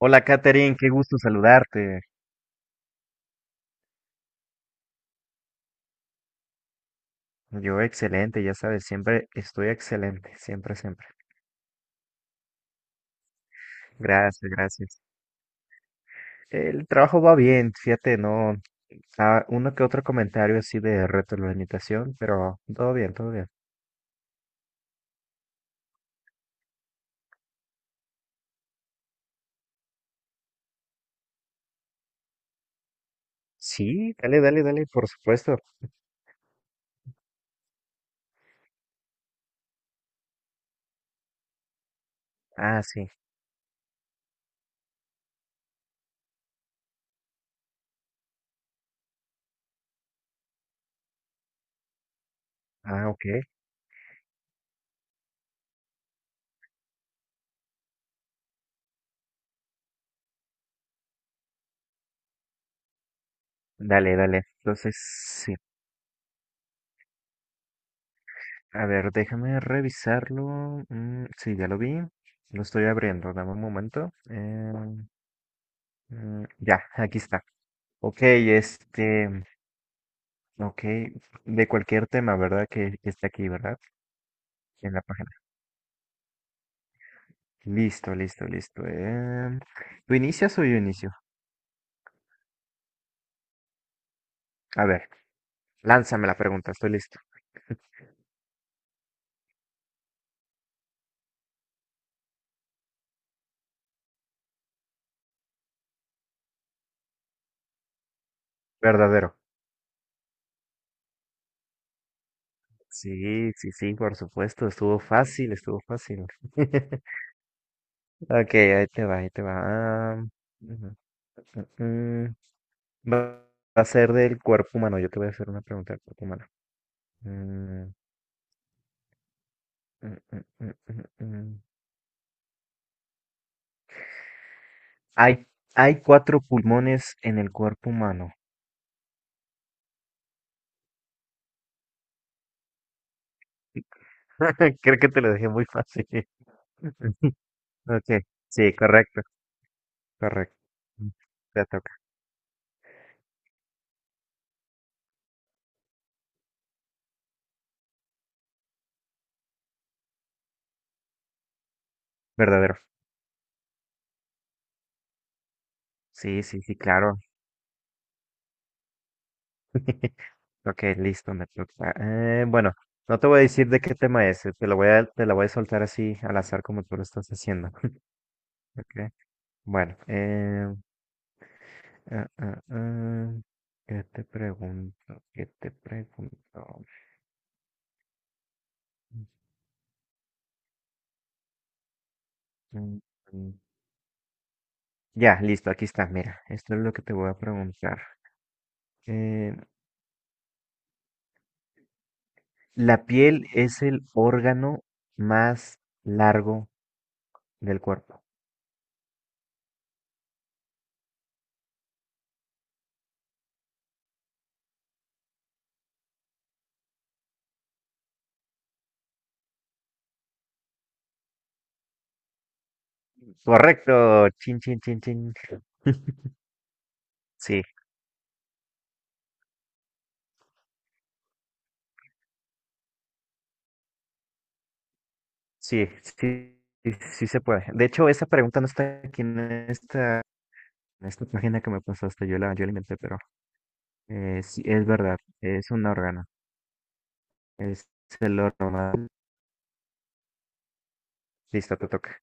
Hola, Katherine, qué gusto saludarte. Yo excelente, ya sabes, siempre estoy excelente, siempre, siempre. Gracias, gracias. El trabajo va bien, fíjate, no, uno que otro comentario así de retroalimentación, pero todo bien, todo bien. Sí, dale, dale, dale, por supuesto. Ah, sí. Ah, ok. Dale, dale. Entonces, sí. A ver, déjame revisarlo. Mm, sí, ya lo vi. Lo estoy abriendo. Dame un momento. Ya, aquí está. Ok, este, ok, de cualquier tema, ¿verdad? Que esté aquí, ¿verdad? En la página. Listo, listo, listo. ¿Tú inicias o yo inicio? A ver, lánzame la pregunta, estoy listo. Verdadero. Sí, sí, sí, por supuesto, estuvo fácil, estuvo fácil. Ok, ahí te va, ahí te va. ah, ujú, mm, Va va a ser del cuerpo humano, yo te voy a hacer una pregunta del cuerpo humano. Mm, mm, mm, mm, mm, mm. Hay, hay cuatro pulmones en el cuerpo humano. Creo que te lo dejé muy fácil. Ok, sí, correcto, correcto. Mm, Te toca. Verdadero. Sí, sí, sí, claro. Ok, listo, me toca. Bueno, no te voy a decir de qué tema es, te la voy a soltar así al azar como tú lo estás haciendo. Ok, bueno. Ah, ah, ah, ¿Qué te pregunto? ¿Qué te pregunto? Mm, mm, Ya, listo, aquí está. Mira, esto es lo que te voy a preguntar. Eh, la piel es el órgano más largo del cuerpo. Correcto. Chin, chin, chin, chin. Sí, sí, sí, sí, sí se puede. De hecho, esa pregunta no está aquí en esta, esta página que me pasaste. Yo la inventé, pero sí, es verdad. Es un órgano. Es el órgano más. Listo, te toca.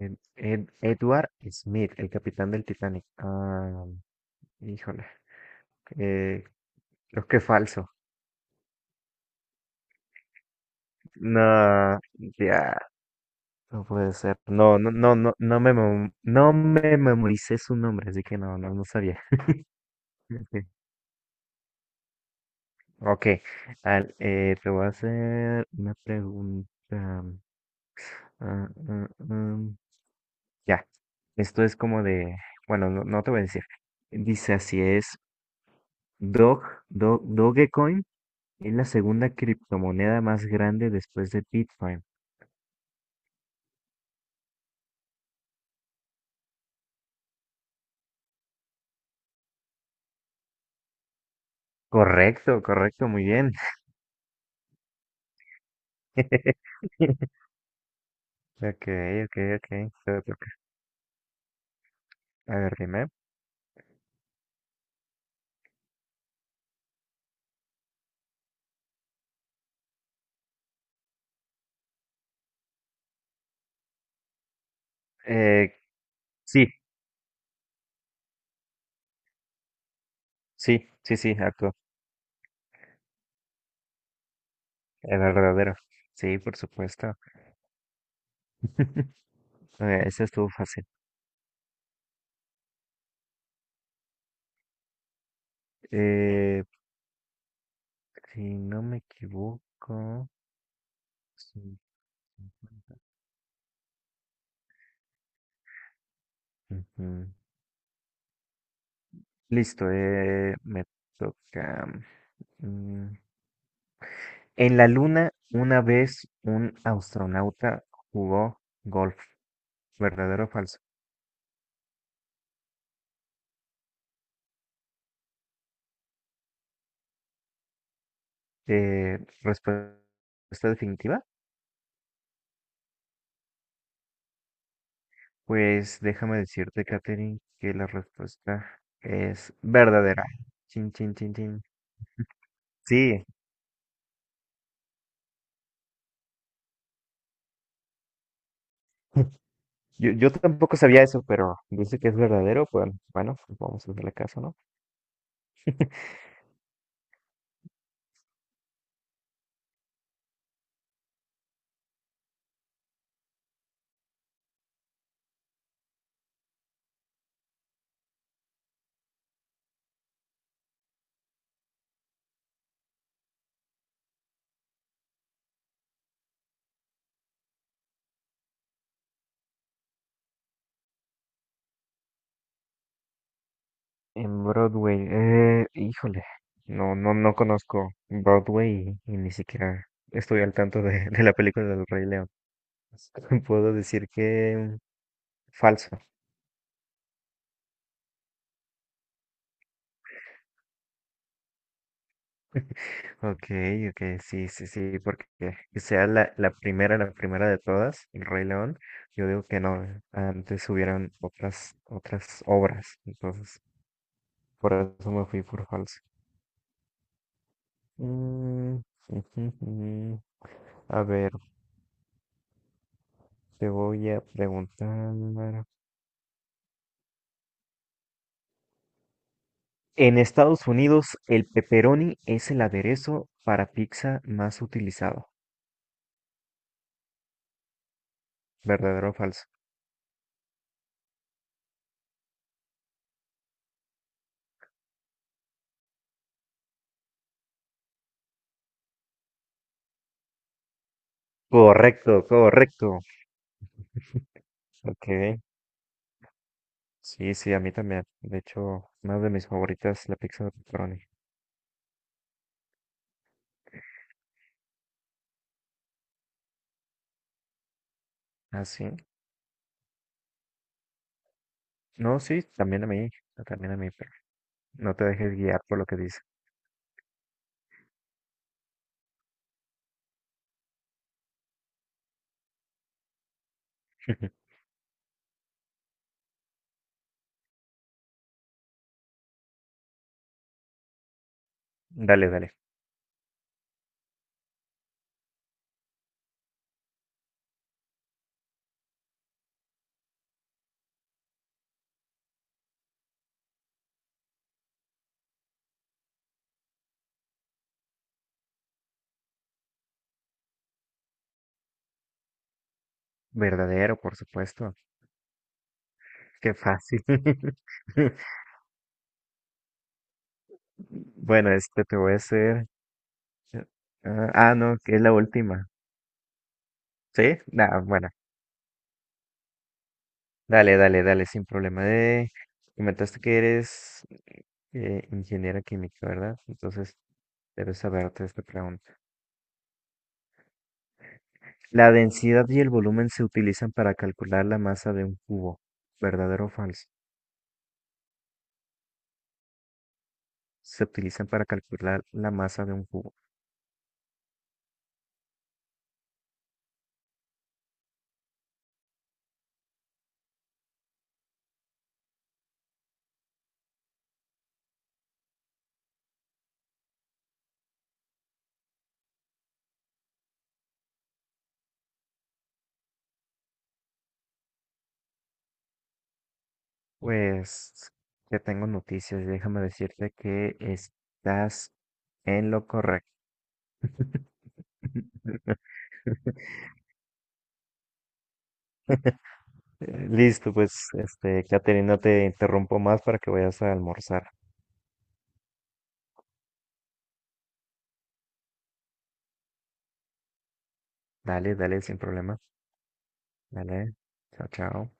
Edward Smith, el capitán del Titanic. Ah, híjole. Eh, creo que falso. No, ya, no puede ser. No, no, no, no, no me memoricé su nombre, así que no, no, no sabía. Ok, te voy a hacer una pregunta. Ah, ah, ah, Ya, esto es como de, bueno, no, no te voy a decir. Dice así es, Dog, Dogecoin es la segunda criptomoneda más grande después de Bitcoin. Correcto, correcto, muy bien. Ok, ok, ok. Te toca. A ver, dime. Eh, sí, sí, sí, sí, actuó. El verdadero. Sí, por supuesto. Esa estuvo fácil. Eh, si no me equivoco. Sí, ujú. Listo, me toca. mm, En la luna, una vez un astronauta jugó golf. ¿Verdadero o falso? Respuesta definitiva. Pues déjame decirte, Katherine, que la respuesta es verdadera. Chin, chin, chin, chin. Sí, yo tampoco sabía eso, pero dice que es verdadero, pues bueno, pues vamos a hacerle caso, ¿no? En Broadway, híjole, no, no, no conozco Broadway y ni siquiera estoy al tanto de la película del Rey León. Puedo decir que falso. Okay, okay, sí, sí, sí, porque que sea la primera, la primera de todas, El Rey León, yo digo que no, antes hubieran otras obras, entonces, por eso me fui por falso. Mm, ujujujú. A ver, te voy a preguntar. En Estados Unidos, el pepperoni es el aderezo para pizza más utilizado, ¿verdadero o falso? Correcto, correcto. Ok, sí, sí, a mí también. De hecho, una de mis favoritas es la pizza de pepperoni. ¿Ah, sí? No, sí, también a mí. También a mí, pero no te dejes guiar por lo que dice. Dale, dale. Verdadero, por supuesto. Qué fácil. Bueno, este te voy a hacer. eh, no, que es la última. ¿Sí? Nah, bueno. Dale, dale, dale, sin problema. De. Comentaste que eres ingeniera química, ¿verdad? Entonces, debes saberte esta pregunta. La densidad y el volumen se utilizan para calcular la masa de un cubo. ¿Verdadero o falso? Se utilizan para calcular la masa de un cubo. Pues ya tengo noticias. Déjame decirte que estás en lo correcto. Listo, pues, este, Caterina, te interrumpo más para que vayas a almorzar. Dale, dale, sin problema. Dale. Chao, chao.